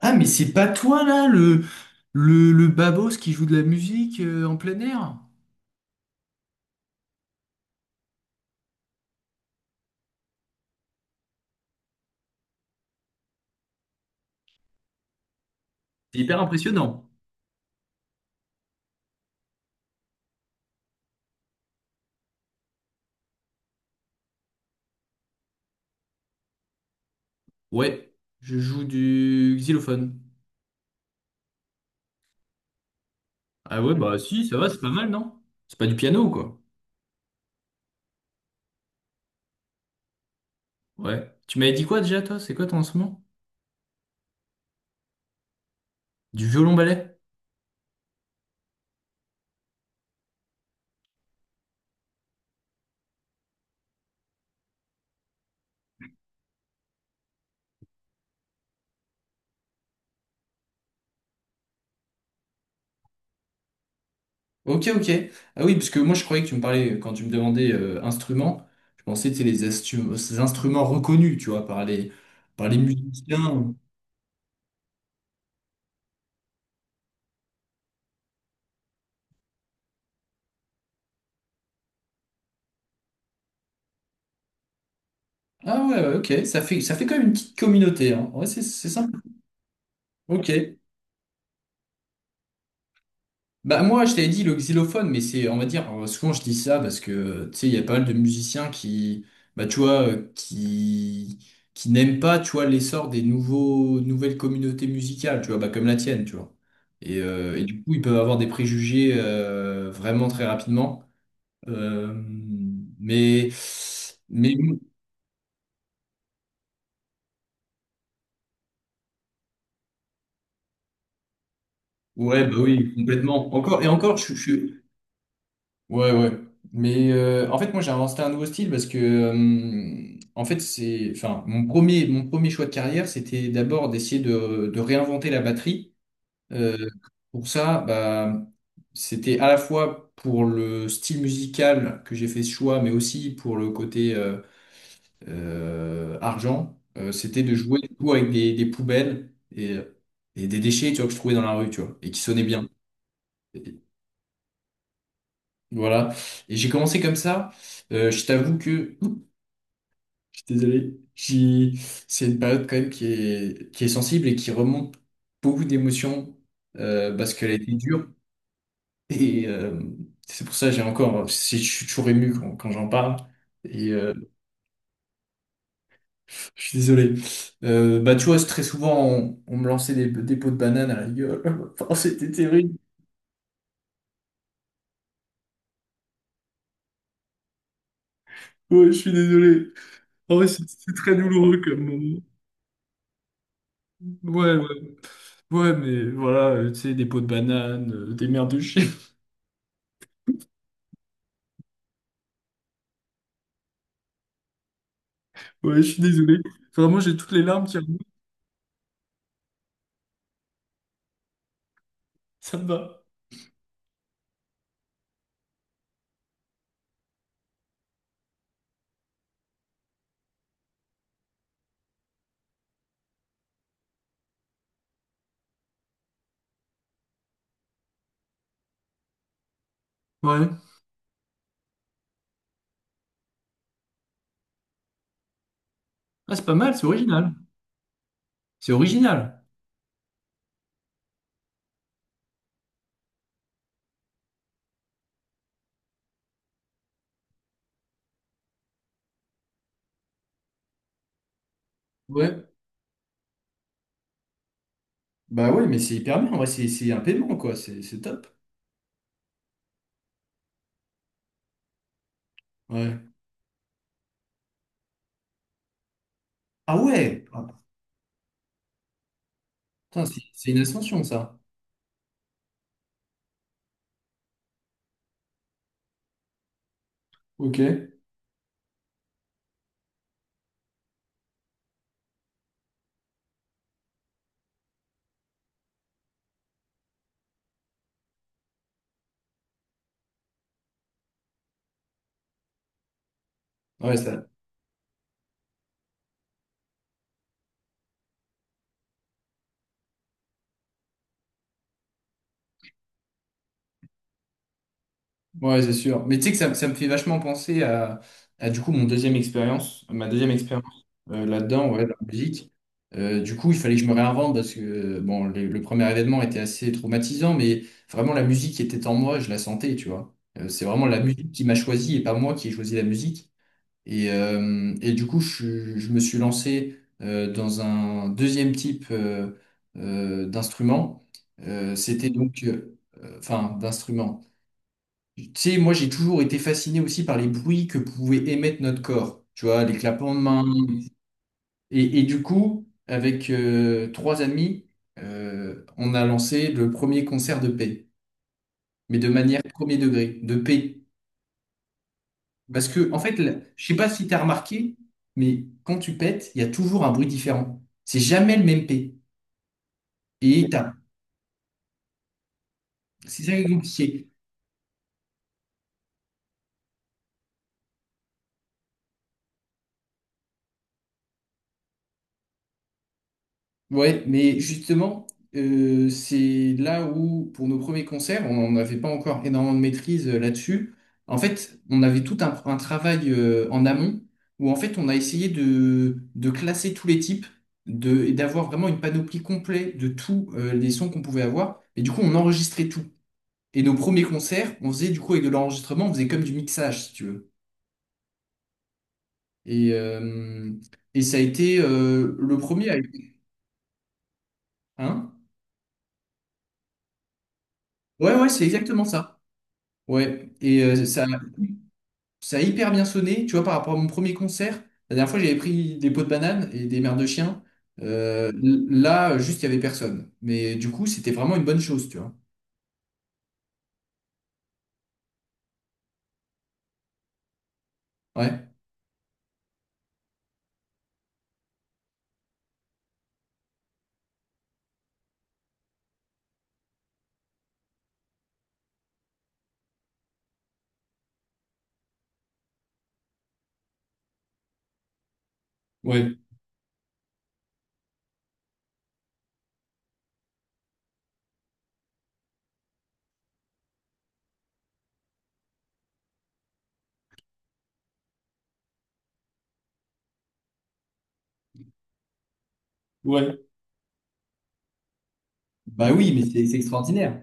Ah, mais c'est pas toi là, le babos qui joue de la musique en plein air? C'est hyper impressionnant. Ouais, je joue du xylophone. Ah ouais, bah si, ça va, c'est pas mal, non? C'est pas du piano, quoi. Ouais. Tu m'avais dit quoi déjà, toi? C'est quoi ton instrument? Du violon-ballet? Ok, ok. Ah oui, parce que moi je croyais que tu me parlais, quand tu me demandais instrument, je pensais que c'était les ces instruments reconnus, tu vois, par les musiciens. Ah ouais, ouais, ok, ça fait quand même une petite communauté, hein. Ouais, c'est sympa. Ok. Bah moi je t'avais dit le xylophone mais c'est on va dire souvent je dis ça parce que tu sais il y a pas mal de musiciens qui bah tu vois qui n'aiment pas tu vois l'essor des nouveaux nouvelles communautés musicales tu vois bah comme la tienne tu vois et du coup ils peuvent avoir des préjugés vraiment très rapidement. Euh, mais mais ouais bah oui complètement encore et encore ouais, ouais. Mais en fait, moi, j'ai inventé un nouveau style parce que, en fait, c'est, enfin, mon premier choix de carrière, c'était d'abord d'essayer de réinventer la batterie. Euh, pour ça, bah, c'était à la fois pour le style musical que j'ai fait ce choix, mais aussi pour le côté argent. C'était de jouer du coup, avec des poubelles et des déchets, tu vois, que je trouvais dans la rue, tu vois, et qui sonnaient bien. Voilà. Et j'ai commencé comme ça. Je t'avoue que, ouh, je suis désolé, c'est une période quand même qui est sensible et qui remonte beaucoup d'émotions parce qu'elle a été dure. Et c'est pour ça que j'ai encore, je suis toujours ému quand, quand j'en parle. Et je suis désolé. Bah, tu vois, c'est très souvent, on me lançait des pots de banane à la gueule. Oh, c'était terrible. Ouais, je suis désolé. Oh, c'est très douloureux comme moment. Ouais, ouais. Ouais, mais voilà, tu sais, des pots de banane, des merdes de chien. Ouais, je suis désolé. Vraiment, j'ai toutes les larmes qui arrivent. Ça me va. Ouais. Ah, c'est pas mal, c'est original. C'est original. Ouais, bah ouais, mais c'est hyper bien. En vrai, c'est un paiement, quoi. C'est top. Ouais. Ah ouais! Ah, putain, c'est une ascension, ça. Ok. Ouais, ça. Ouais, c'est sûr. Mais tu sais que ça me fait vachement penser à du coup mon deuxième expérience, ma deuxième expérience là-dedans, ouais, dans la musique. Du coup, il fallait que je me réinvente parce que bon, le premier événement était assez traumatisant, mais vraiment la musique qui était en moi, je la sentais, tu vois. C'est vraiment la musique qui m'a choisi et pas moi qui ai choisi la musique. Et du coup, je me suis lancé dans un deuxième type d'instrument. C'était donc, enfin, d'instrument. Tu sais, moi j'ai toujours été fasciné aussi par les bruits que pouvait émettre notre corps, tu vois, les clapements de mains. Et du coup, avec trois amis, on a lancé le premier concert de paix, mais de manière premier degré, de paix. Parce que, en fait, là, je sais pas si tu as remarqué, mais quand tu pètes, il y a toujours un bruit différent. C'est jamais le même paix. Et c'est ça qui est compliqué. Ouais, mais justement, c'est là où, pour nos premiers concerts, on n'avait pas encore énormément de maîtrise là-dessus. En fait, on avait tout un travail en amont où, en fait, on a essayé de classer tous les types de, et d'avoir vraiment une panoplie complète de tous les sons qu'on pouvait avoir. Et du coup, on enregistrait tout. Et nos premiers concerts, on faisait du coup avec de l'enregistrement, on faisait comme du mixage, si tu veux. Et, euh, et ça a été le premier à... Hein? Ouais, ouais, c'est exactement ça. Ouais, et ça, ça a hyper bien sonné, tu vois, par rapport à mon premier concert. La dernière fois, j'avais pris des pots de bananes et des mères de chiens. Là, juste, il y avait personne. Mais du coup, c'était vraiment une bonne chose, tu vois. Ouais. Ouais, ouais. Bah oui, mais c'est extraordinaire.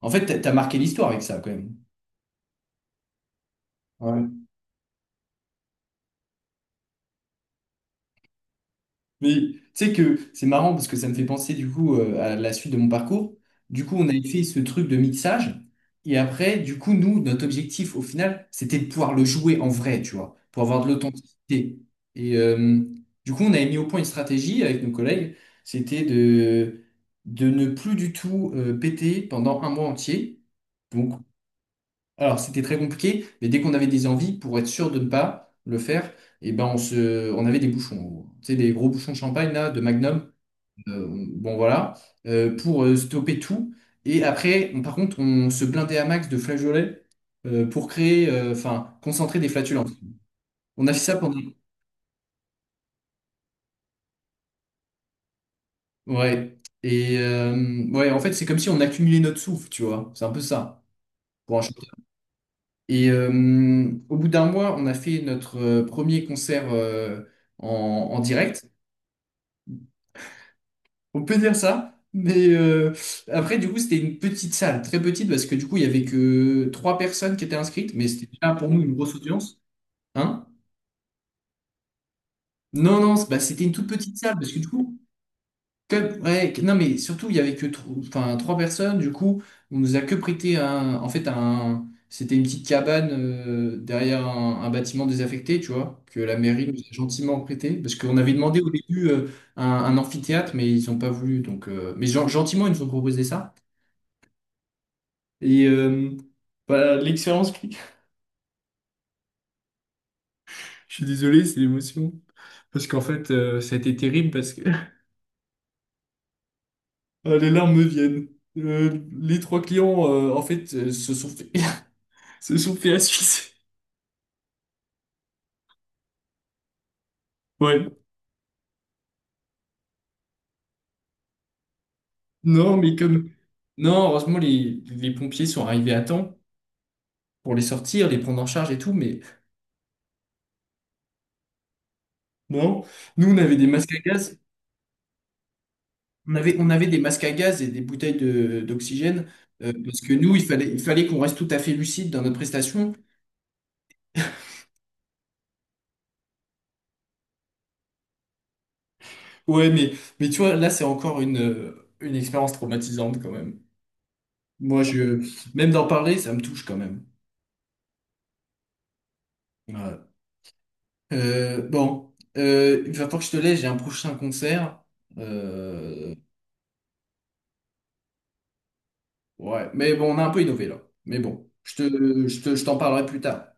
En fait, t'as t'as marqué l'histoire avec ça, quand même. Ouais. Mais tu sais que c'est marrant parce que ça me fait penser du coup à la suite de mon parcours. Du coup, on avait fait ce truc de mixage. Et après, du coup, nous, notre objectif au final, c'était de pouvoir le jouer en vrai, tu vois, pour avoir de l'authenticité. Et du coup, on avait mis au point une stratégie avec nos collègues. C'était de ne plus du tout péter pendant un mois entier. Donc, alors, c'était très compliqué, mais dès qu'on avait des envies, pour être sûr de ne pas le faire, eh ben on avait des bouchons, en gros. Tu sais, des gros bouchons de champagne, là, de Magnum. Euh, bon, voilà. Pour stopper tout. Et après, par contre, on se blindait à max de flageolets pour créer, enfin, concentrer des flatulences. On a fait ça pendant. Ouais. Et ouais, en fait, c'est comme si on accumulait notre souffle, tu vois. C'est un peu ça, pour un chanteur. Et au bout d'un mois, on a fait notre premier concert en en direct. On peut dire ça, mais après, du coup, c'était une petite salle, très petite, parce que du coup, il y avait que trois personnes qui étaient inscrites, mais c'était déjà pour nous une grosse audience. Hein? Non, non, bah, c'était une toute petite salle, parce que du coup, ouais, non, mais surtout, il y avait que enfin, trois personnes, du coup, on nous a que prêté un, en fait, un, c'était une petite cabane derrière un bâtiment désaffecté, tu vois, que la mairie nous a gentiment prêté, parce qu'on avait demandé au début un amphithéâtre, mais ils n'ont pas voulu, donc, mais gentiment, ils nous ont proposé ça. Et bah, je suis désolé, c'est l'émotion. Parce qu'en fait, ça a été terrible parce que ah, les larmes me viennent. Les trois clients, en fait, se sont fait, se sont fait asphyxier. Ouais. Non, mais comme... non, heureusement, les pompiers sont arrivés à temps pour les sortir, les prendre en charge et tout, mais non. Nous, on avait des masques à gaz. On avait des masques à gaz et des bouteilles de, d'oxygène parce que nous, il fallait qu'on reste tout à fait lucide dans notre prestation. Ouais, mais tu vois, là, c'est encore une expérience traumatisante quand même. Moi, je, même d'en parler, ça me touche quand même. Ouais. Bon, il va falloir que je te laisse, j'ai un prochain concert. Euh, ouais, mais bon, on a un peu innové là. Mais bon, je te, je te, je t'en parlerai plus tard.